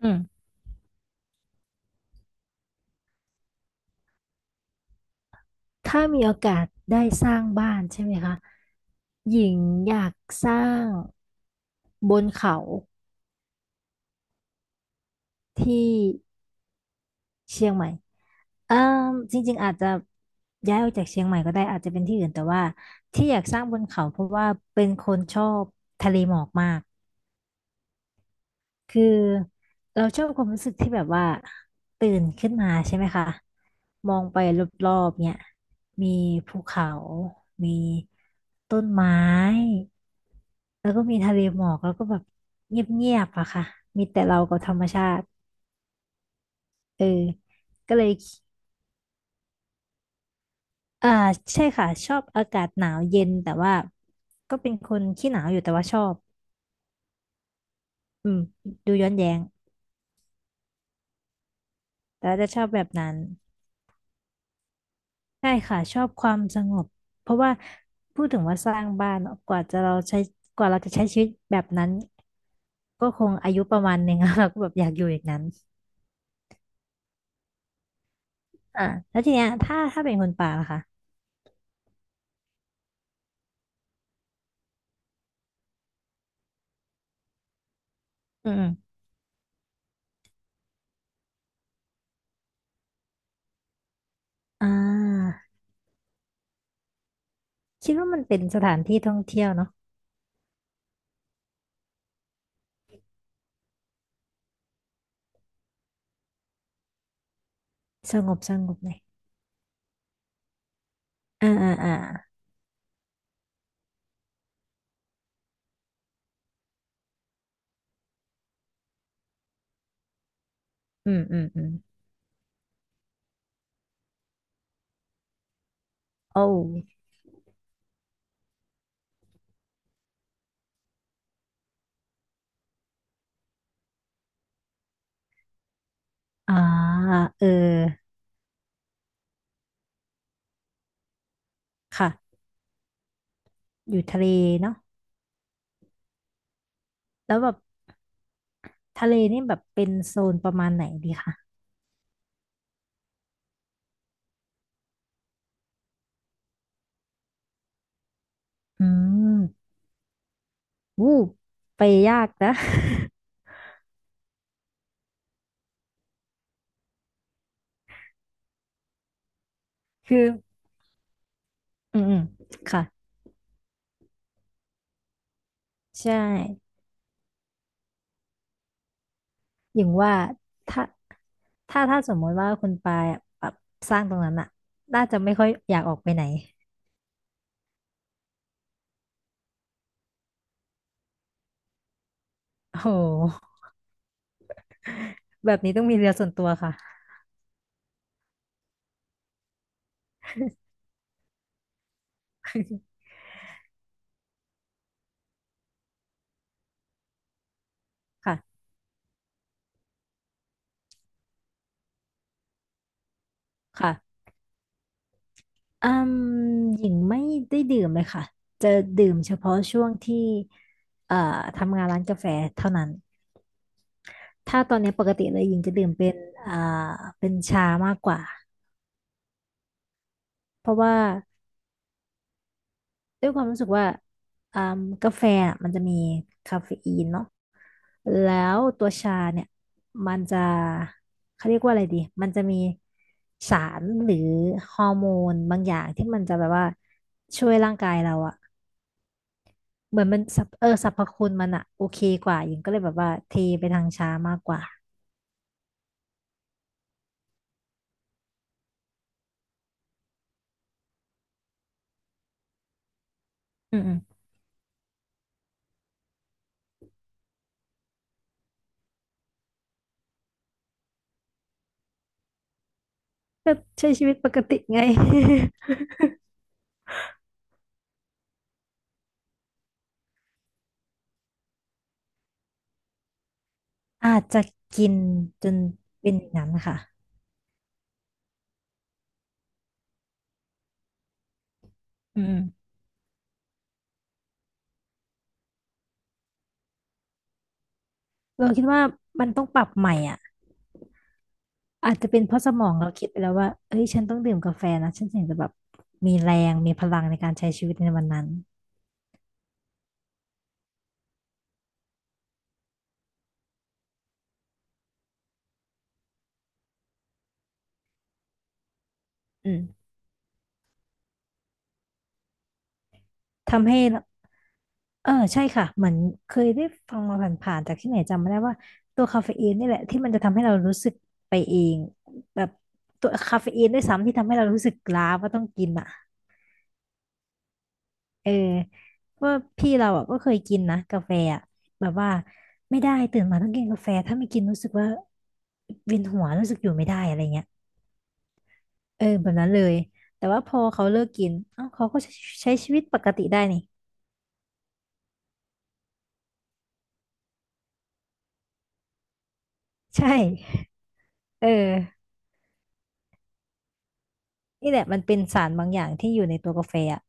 อืมถ้ามีโอกาสได้สร้างบ้านใช่ไหมคะหญิงอยากสร้างบนเขาที่เชียงใหม่เอ่มจริงๆอาจจะย้ายออกจากเชียงใหม่ก็ได้อาจจะเป็นที่อื่นแต่ว่าที่อยากสร้างบนเขาเพราะว่าเป็นคนชอบทะเลหมอกมาก คือเราชอบความรู้สึกที่แบบว่าตื่นขึ้นมาใช่ไหมคะมองไปรอบๆเนี่ยมีภูเขา มีต้นไม้แล้วก็มีทะเลหมอกแล้วก็แบบเงียบๆอะค่ะมีแต่เรากับธรรมชาติเออก็เลยอ่าใช่ค่ะชอบอากาศหนาวเย็นแต่ว่าก็เป็นคนขี้หนาวอยู่แต่ว่าชอบอืมดูย้อนแย้งแต่ว่าจะชอบแบบนั้น ใช่ค่ะชอบความสงบเพราะว่าพูดถึงว่าสร้างบ้านเนอะกว่าเราจะใช้ชีวิตแบบนั้นก็คงอายุประมาณหนึ่ง แล้วเราก็แบบอยากอยู่อย่างนั้นอ่าแล้วทีเนี้ยถ้าเป็นคนป่าล่ะคะอืมอมอ่าคิดว่ามันเป็นสถานที่ท่องเที่ยวเนาะสงบสงบเลยอ่าอ่าอ่าอืมอืมอืมโอ้อ่าเออค่ะอยู่ทะเลเนาะแล้วแบบทะเลนี่แบบเป็นโซนประมาณไหนดีคะอืม วู้ไปยากนะ คืออืมอืมค่ะใช่อย่างว่าถ้าถ้าสมมติว่าคุณปายอะแบบสร้างตรงนั้นอะน่าจะไม่ค่อยอยากออกไปไหนโอ้โหแบบนี้ต้องมีเรือส่วนตัวค่ะ ค่ะค่ะอืมหญิงไม่ได้ดื่มเลยค่ะจะดื่มเฉพาะช่วงที่เอ่อทำงานร้านกาแฟเท่านั้นถ้าตอนนี้ปกติเลยหญิงจะดื่มเป็นอ่าเป็นชามากกว่าเพราะว่า ด้วยความรู้สึกว่าอ่ากาแฟอะมันจะมีคาเฟอีนเนาะแล้วตัวชาเนี่ยมันจะเขาเรียกว่าอะไรดีมันจะมีสารหรือฮอร์โมนบางอย่างที่มันจะแบบว่าช่วยร่างกายเราอะเหมือนมันสรรพเออสรรพคุณมันอะโอเคกว่าหญิงก็เลยแบบว่าเทไปทางชามากกว่าอืมอืมก็ใช้ชีวิตปกติไง อาจจะกินจนเป็นอย่างนั้นค่ะอืมเราคิดว่ามันต้องปรับใหม่อ่ะ อาจจะเป็นเพราะสมองเราคิดไปแล้วว่าเอ้ยฉันต้องดื่มกาแฟนะฉันถึงจะแบบมีแรงมีพลังในการใช้ชีวิตในวันนั้นอืมทำให้เออใช่ค่ะเหมือนเคยได้ฟังมาผ่านๆจากที่ไหนจำไม่ได้ว่าตัวคาเฟอีนนี่แหละที่มันจะทำให้เรารู้สึกไปเองแบบตัวคาเฟอีนด้วยซ้ำที่ทำให้เรารู้สึกล้าว่าต้องกินอ่ะเออว่าพี่เราอ่ะก็เคยกินนะกาแฟอ่ะแบบว่าไม่ได้ตื่นมาต้องกินกาแฟถ้าไม่กินรู้สึกว่าเวียนหัวรู้สึกอยู่ไม่ได้อะไรเงี้ย เออแบบนั้นเลยแต่ว่าพอเขาเลิกกินเอ้าเขาก็ใช้ใช้ชีวิตปกติได้นี่ ใช่เออนี่แหละมันเป็นสารบางอย่างที่อยู่ในตัวกาแฟอ่ะ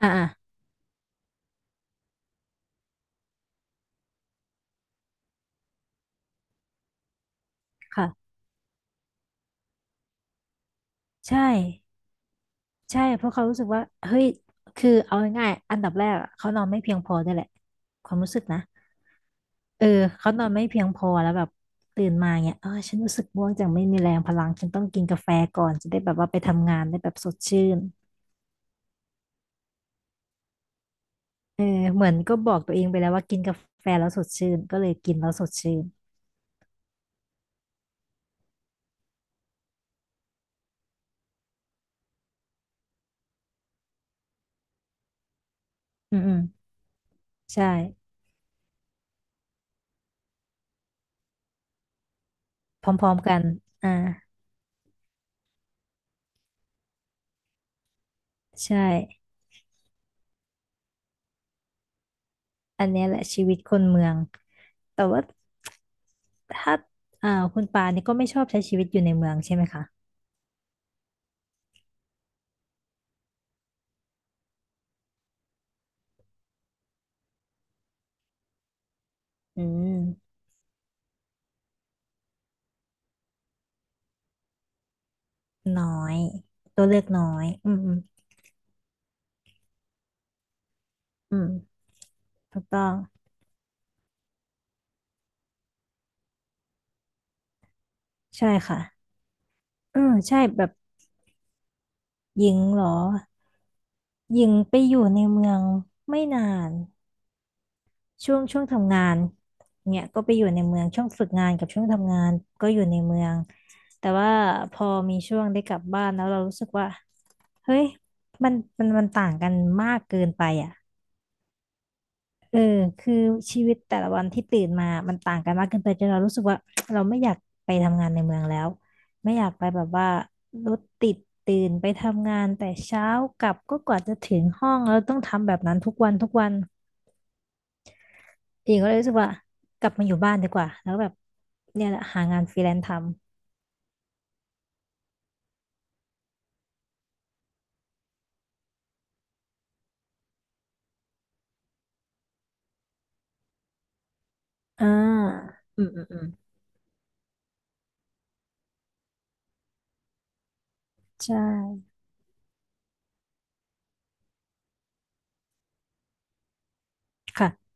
อ่าค่ะใช่ใช่เพราะเขารู้สึกว่าเฮ้ยคือเอาง่ายๆอันดับแรกอะเขานอนไม่เพียงพอด้วยแหละความรู้สึกนะเออเขานอนไม่เพียงพอแล้วแบบตื่นมาเนี่ยเออฉันรู้สึกง่วงจังไม่มีแรงพลังฉันต้องกินกาแฟก่อนจะได้แบบว่าไปทำงานได้แบบสดชื่น เออเหมือนก็บอกตัวเองไปแล้วว่ากินกาแฟแล้วสดชื่นก็เลยกินแล้วสดชื่นอืมอืมใช่พร้อมๆกันอ่าใช่อันเนี้ยแหละชีวิตคนเมืองแต่ว่าถ้าคุณปาเนี่ยก็ไม่ชอบใช้ชีวิตอยู่ในเมืองใช่ไหมคะอืมน้อยตัวเลือกน้อยอืมอืมอืมถูกต้องใช่ค่ะอืมใช่แบบหญิงเหรอหญิงไปอยู่ในเมืองไม่นาน ช่วงช่วงทำงานเนี่ยก็ไปอยู่ในเมืองช่วงฝึกงานกับช่วงทำงานก็อยู่ในเมืองแต่ว่าพอมีช่วงได้กลับบ้านแล้วเรารู้สึกว่าเฮ้ยมันมันมันต่างกันมากเกินไปอ่ะเออคือชีวิตแต่ละวันที่ตื่นมามันต่างกันมากเกินไปจนเรารู้สึกว่า เราไม่อยากไปทำงานในเมืองแล้วไม่อยากไปแบบว่ารถติดตื่นไปทำงานแต่เช้ากลับก็กว่าจะถึงห้องแล้วต้องทำแบบนั้นทุกวันทุกวัน หีิงก็เลยรู้สึกว่ากลับมาอยู่บ้านดีกว่าแล้วก็แบบเนี่ยแหละหางานฟรีแลนซ์ทำอืมอืมอืมใช่ค่ะ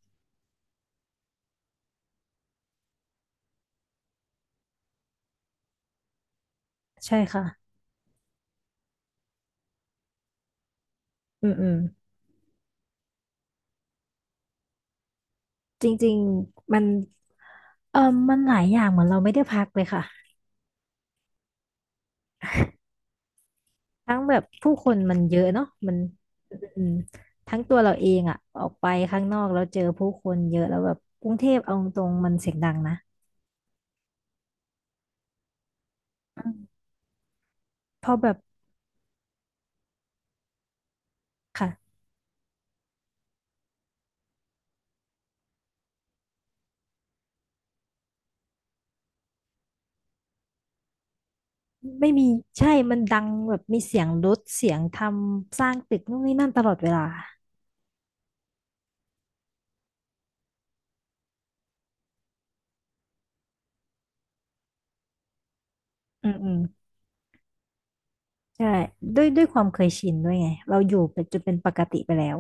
ใช่ค่ะอืมอืมจริงๆมันเออมันหลายอย่างเหมือนเราไม่ได้พักเลยค่ะ ทั้งแบบผู้คนมันเยอะเนาะมันอืมอืมทั้งตัวเราเองอะออกไปข้างนอกแล้วเจอผู้คนเยอะแล้วแบบกรุงเทพเอาตรงๆมันเสียงดังนะอืมพอแบบค่ะ ไม่มีใช่ มันดังแบบมีเสียงรถเสียงทำสร้างตึกนู่นนี่นั่นตลอดเวลาอืมอืมใช่ด้วยด้วยความเคยชินด้วยไงเราอยู่เป็นจนเป็นปกติไปแล้ว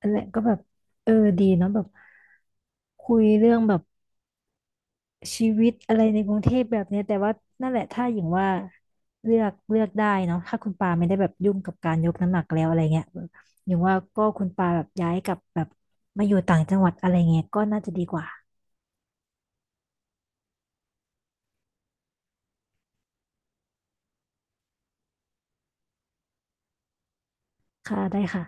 อันแหละก็แบบเออดีเนาะแบบคุยเรื่องแบบชีวิตอะไรในกรุงเทพแบบเนี้ยแต่ว่านั่นแหละถ้าอย่างว่าเลือกได้เนาะถ้าคุณปาไม่ได้แบบยุ่งกับการยกน้ำหนักแล้วอะไรเงี้ยอย่างว่าก็คุณปาแบบย้ายกลับแบบมาอยู่ต่างจังหวัดอะไรเงี้ยก็น่าจะดีกว่าค่ะได้ค่ะ